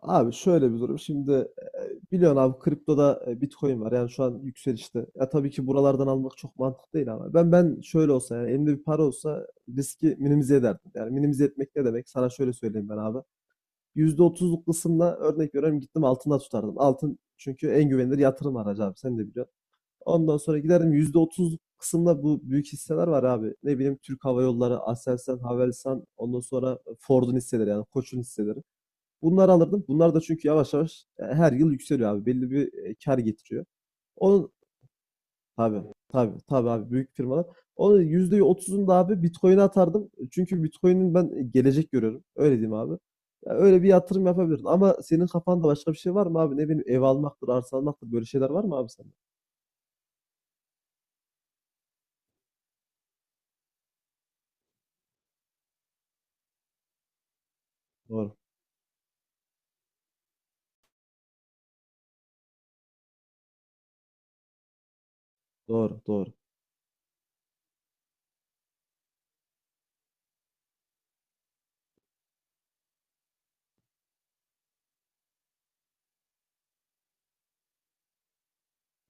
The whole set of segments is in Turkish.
Abi şöyle bir durum. Şimdi biliyorsun abi kriptoda Bitcoin var. Yani şu an yükselişte. Ya tabii ki buralardan almak çok mantıklı değil ama ben şöyle olsa yani elimde bir para olsa riski minimize ederdim. Yani minimize etmek ne demek? Sana şöyle söyleyeyim ben abi. %30'luk kısımla örnek veriyorum gittim altında tutardım. Altın çünkü en güvenilir yatırım aracı abi sen de biliyorsun. Ondan sonra giderdim %30'luk kısımda bu büyük hisseler var abi. Ne bileyim Türk Hava Yolları, Aselsan, Havelsan, ondan sonra Ford'un hisseleri yani Koç'un hisseleri. Bunları alırdım. Bunlar da çünkü yavaş yavaş her yıl yükseliyor abi. Belli bir kar getiriyor. Onun tabii tabii tabii abi büyük firmalar. Onun %30'unu da abi Bitcoin'e atardım. Çünkü Bitcoin'in ben gelecek görüyorum. Öyle diyeyim abi. Ya öyle bir yatırım yapabilirdin. Ama senin kafanda başka bir şey var mı abi? Ne bileyim ev almaktır, arsa almaktır böyle şeyler var mı abi sende? Doğru. Doğru, doğru.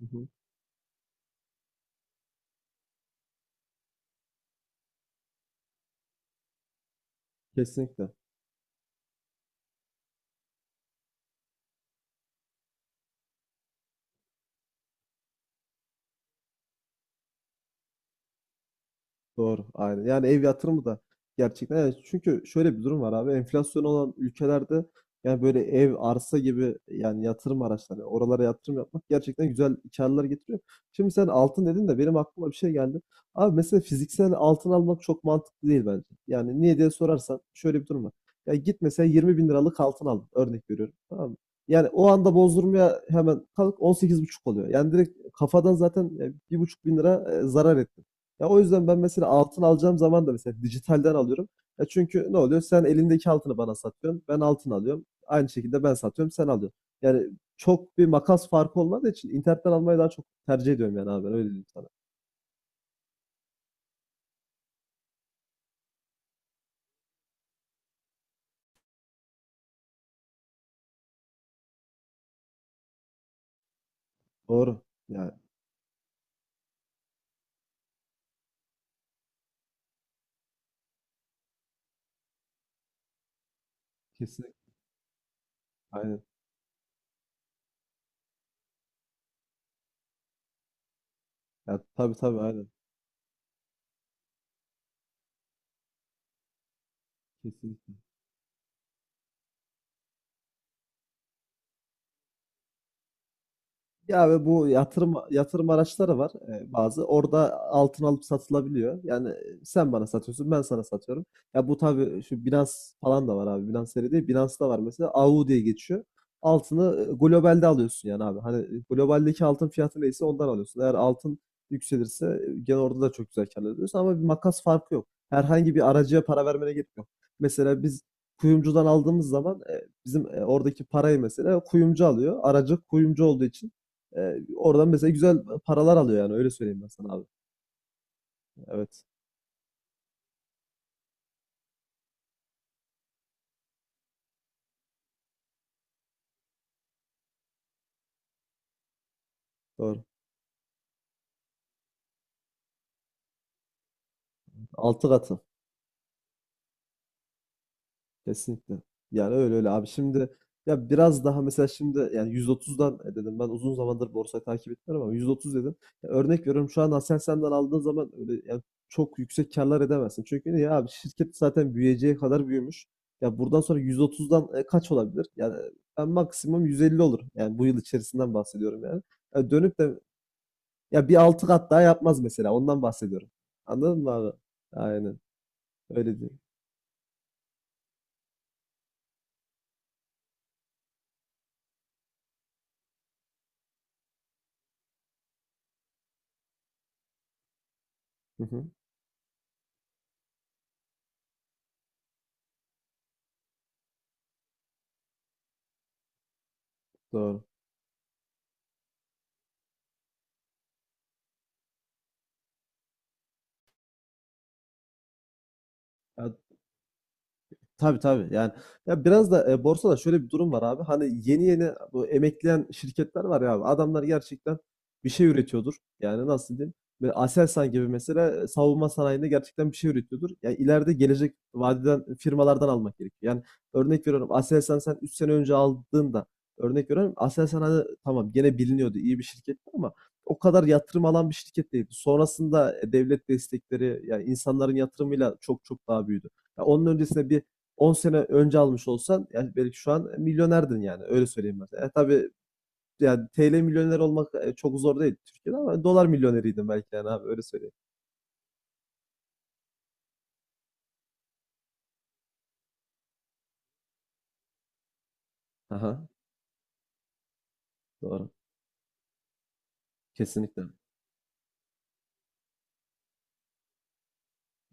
Hı hı. Kesinlikle. Doğru, aynen. Yani ev yatırımı da gerçekten yani çünkü şöyle bir durum var abi enflasyon olan ülkelerde yani böyle ev, arsa gibi yani yatırım araçları oralara yatırım yapmak gerçekten güzel karlar getiriyor. Şimdi sen altın dedin de benim aklıma bir şey geldi. Abi mesela fiziksel altın almak çok mantıklı değil bence. Yani niye diye sorarsan şöyle bir durum var. Ya git mesela 20 bin liralık altın al örnek veriyorum tamam mı? Yani o anda bozdurmaya hemen kalk 18,5 oluyor. Yani direkt kafadan zaten bir buçuk bin lira zarar etti. Ya o yüzden ben mesela altın alacağım zaman da mesela dijitalden alıyorum. Ya çünkü ne oluyor? Sen elindeki altını bana satıyorsun. Ben altın alıyorum. Aynı şekilde ben satıyorum, sen alıyorsun. Yani çok bir makas farkı olmadığı için internetten almayı daha çok tercih ediyorum yani abi ben öyle diyeyim sana. Doğru. Yani kesinlikle. Aynen. Ya tabii tabii aynen. Kesinlikle. Ya ve bu yatırım araçları var bazı. Orada altın alıp satılabiliyor. Yani sen bana satıyorsun, ben sana satıyorum. Ya bu tabii şu Binance falan da var abi. Binance seri değil. Binance'da var mesela. AU diye geçiyor. Altını globalde alıyorsun yani abi. Hani globaldeki altın fiyatı neyse ondan alıyorsun. Eğer altın yükselirse gene orada da çok güzel kâr elde ediyorsun ama bir makas farkı yok. Herhangi bir aracıya para vermene gerek yok. Mesela biz kuyumcudan aldığımız zaman bizim oradaki parayı mesela kuyumcu alıyor. Aracı kuyumcu olduğu için oradan mesela güzel paralar alıyor yani öyle söyleyeyim ben sana abi. Evet doğru. Altı katı kesinlikle. Yani öyle öyle abi. Şimdi ya biraz daha mesela şimdi yani 130'dan dedim ben uzun zamandır borsayı takip etmiyorum ama 130 dedim. Ya örnek veriyorum şu an Aselsan'dan aldığın zaman öyle yani çok yüksek karlar edemezsin. Çünkü niye abi şirket zaten büyüyeceği kadar büyümüş. Ya buradan sonra 130'dan kaç olabilir? Yani ben maksimum 150 olur. Yani bu yıl içerisinden bahsediyorum yani. Ya dönüp de Ya bir altı kat daha yapmaz mesela. Ondan bahsediyorum. Anladın mı abi? Aynen. Öyle değil. Hı hı. Doğru. Ya tabii tabii. Yani ya biraz da borsada şöyle bir durum var abi. Hani yeni yeni bu emekleyen şirketler var ya abi. Adamlar gerçekten bir şey üretiyordur. Yani nasıl diyeyim? Böyle Aselsan gibi mesela savunma sanayinde gerçekten bir şey üretiyordur. Ya ileride gelecek vadeden firmalardan almak gerekiyor. Yani örnek veriyorum Aselsan sen 3 sene önce aldığında örnek veriyorum Aselsan hani tamam gene biliniyordu iyi bir şirketti ama o kadar yatırım alan bir şirket değildi. Sonrasında devlet destekleri yani insanların yatırımıyla çok çok daha büyüdü. Ya onun öncesinde bir 10 sene önce almış olsan yani belki şu an milyonerdin yani öyle söyleyeyim mesela. Tabii yani TL milyoner olmak çok zor değil Türkiye'de ama dolar milyoneriydim belki yani abi öyle söyleyeyim. Aha, doğru. Kesinlikle. Hı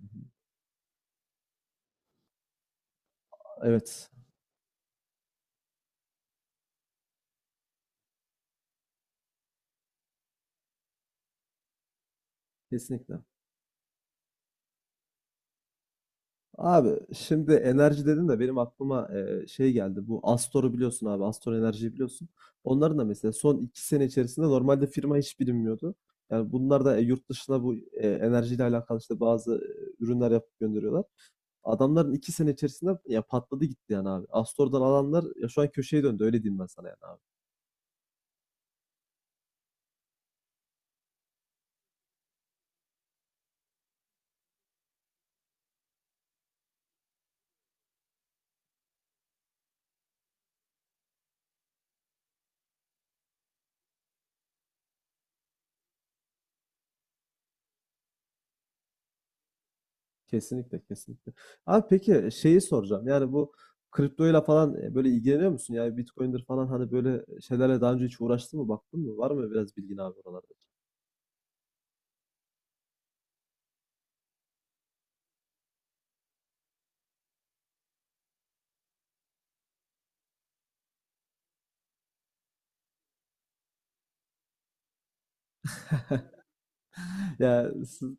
hı. Evet, kesinlikle. Abi şimdi enerji dedin de benim aklıma şey geldi. Bu Astor'u biliyorsun abi. Astor Enerji'yi biliyorsun. Onların da mesela son 2 sene içerisinde normalde firma hiç bilinmiyordu. Yani bunlar da yurt dışına bu enerjiyle alakalı işte bazı ürünler yapıp gönderiyorlar. Adamların 2 sene içerisinde ya patladı gitti yani abi. Astor'dan alanlar ya şu an köşeye döndü öyle diyeyim ben sana yani abi. Kesinlikle kesinlikle. Abi peki şeyi soracağım. Yani bu kriptoyla falan böyle ilgileniyor musun? Yani Bitcoin'dir falan hani böyle şeylerle daha önce hiç uğraştın mı? Baktın mı? Var mı biraz bilgin abi oralarda? Ya siz-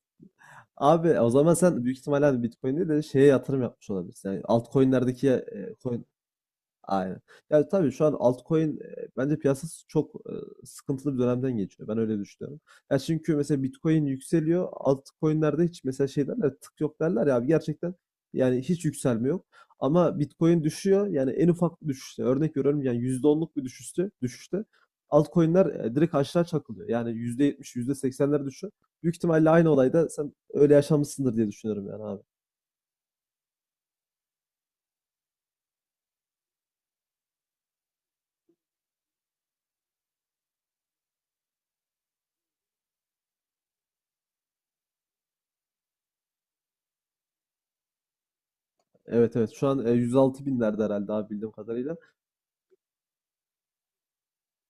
Abi o zaman sen büyük ihtimalle hani Bitcoin değil de şeye yatırım yapmış olabilirsin. Yani altcoin'lerdeki coin'lere. Aynen. Yani tabii şu an altcoin, bence piyasası çok, sıkıntılı bir dönemden geçiyor. Ben öyle düşünüyorum. Ya çünkü mesela Bitcoin yükseliyor. Altcoin'lerde hiç mesela şey derler "tık yok" derler ya abi gerçekten yani hiç yükselme yok. Ama Bitcoin düşüyor. Yani en ufak bir düşüşte örnek veriyorum yani %10'luk bir düşüşte altcoin'ler, direkt aşağı çakılıyor. Yani %70, yüzde %80'lere düşüyor. Büyük ihtimalle aynı olay da sen öyle yaşamışsındır diye düşünüyorum yani abi. Evet, evet. Şu an, 106.000'lerde herhâlde abi bildiğim kadarıyla.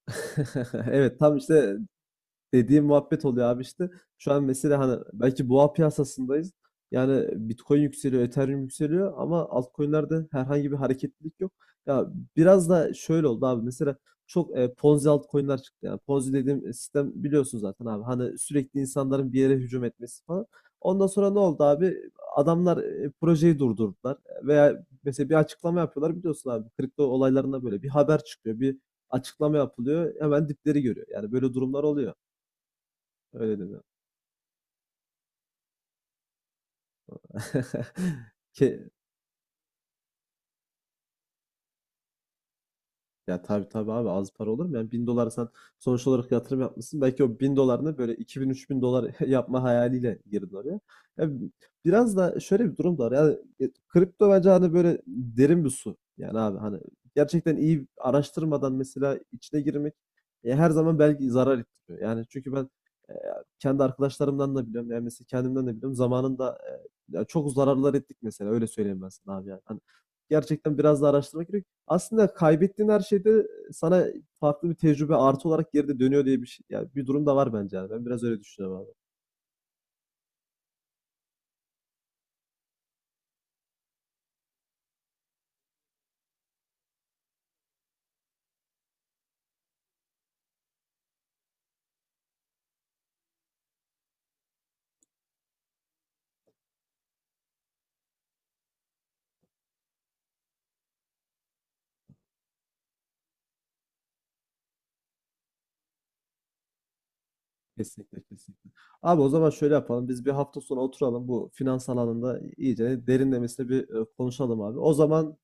Evet, tam işte dediğim muhabbet oluyor abi işte. Şu an mesela hani belki boğa piyasasındayız. Yani Bitcoin yükseliyor, Ethereum yükseliyor ama altcoin'lerde herhangi bir hareketlilik yok. Ya biraz da şöyle oldu abi. Mesela çok Ponzi altcoin'ler çıktı. Yani Ponzi dediğim sistem biliyorsun zaten abi. Hani sürekli insanların bir yere hücum etmesi falan. Ondan sonra ne oldu abi? Adamlar projeyi durdurdular veya mesela bir açıklama yapıyorlar biliyorsun abi kripto olaylarında böyle bir haber çıkıyor, bir açıklama yapılıyor hemen dipleri görüyor. Yani böyle durumlar oluyor. Öyle dedi. Ki ya tabii tabii abi az para olur mu? Yani 1.000 dolar sen sonuç olarak yatırım yapmışsın. Belki o 1000 dolarını böyle 2 bin 3 bin dolar yapma hayaliyle girdin oraya. Ya biraz da şöyle bir durum da var. Yani kripto bence hani böyle derin bir su. Yani abi hani gerçekten iyi araştırmadan mesela içine girmek her zaman belki zarar ettiriyor. Yani çünkü ben e, kendi arkadaşlarımdan da biliyorum. Yani mesela kendimden de biliyorum. Zamanında ya çok zararlar ettik mesela. Öyle söyleyeyim ben sana abi yani. Hani gerçekten biraz da araştırmak gerek. Aslında kaybettiğin her şeyde sana farklı bir tecrübe artı olarak geride dönüyor diye bir şey. Yani bir durum da var bence yani. Ben biraz öyle düşünüyorum abi. Kesinlikle kesinlikle. Abi o zaman şöyle yapalım. Biz bir hafta sonra oturalım bu finans alanında iyice derinlemesine bir konuşalım abi. O zaman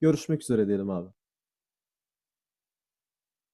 görüşmek üzere diyelim abi.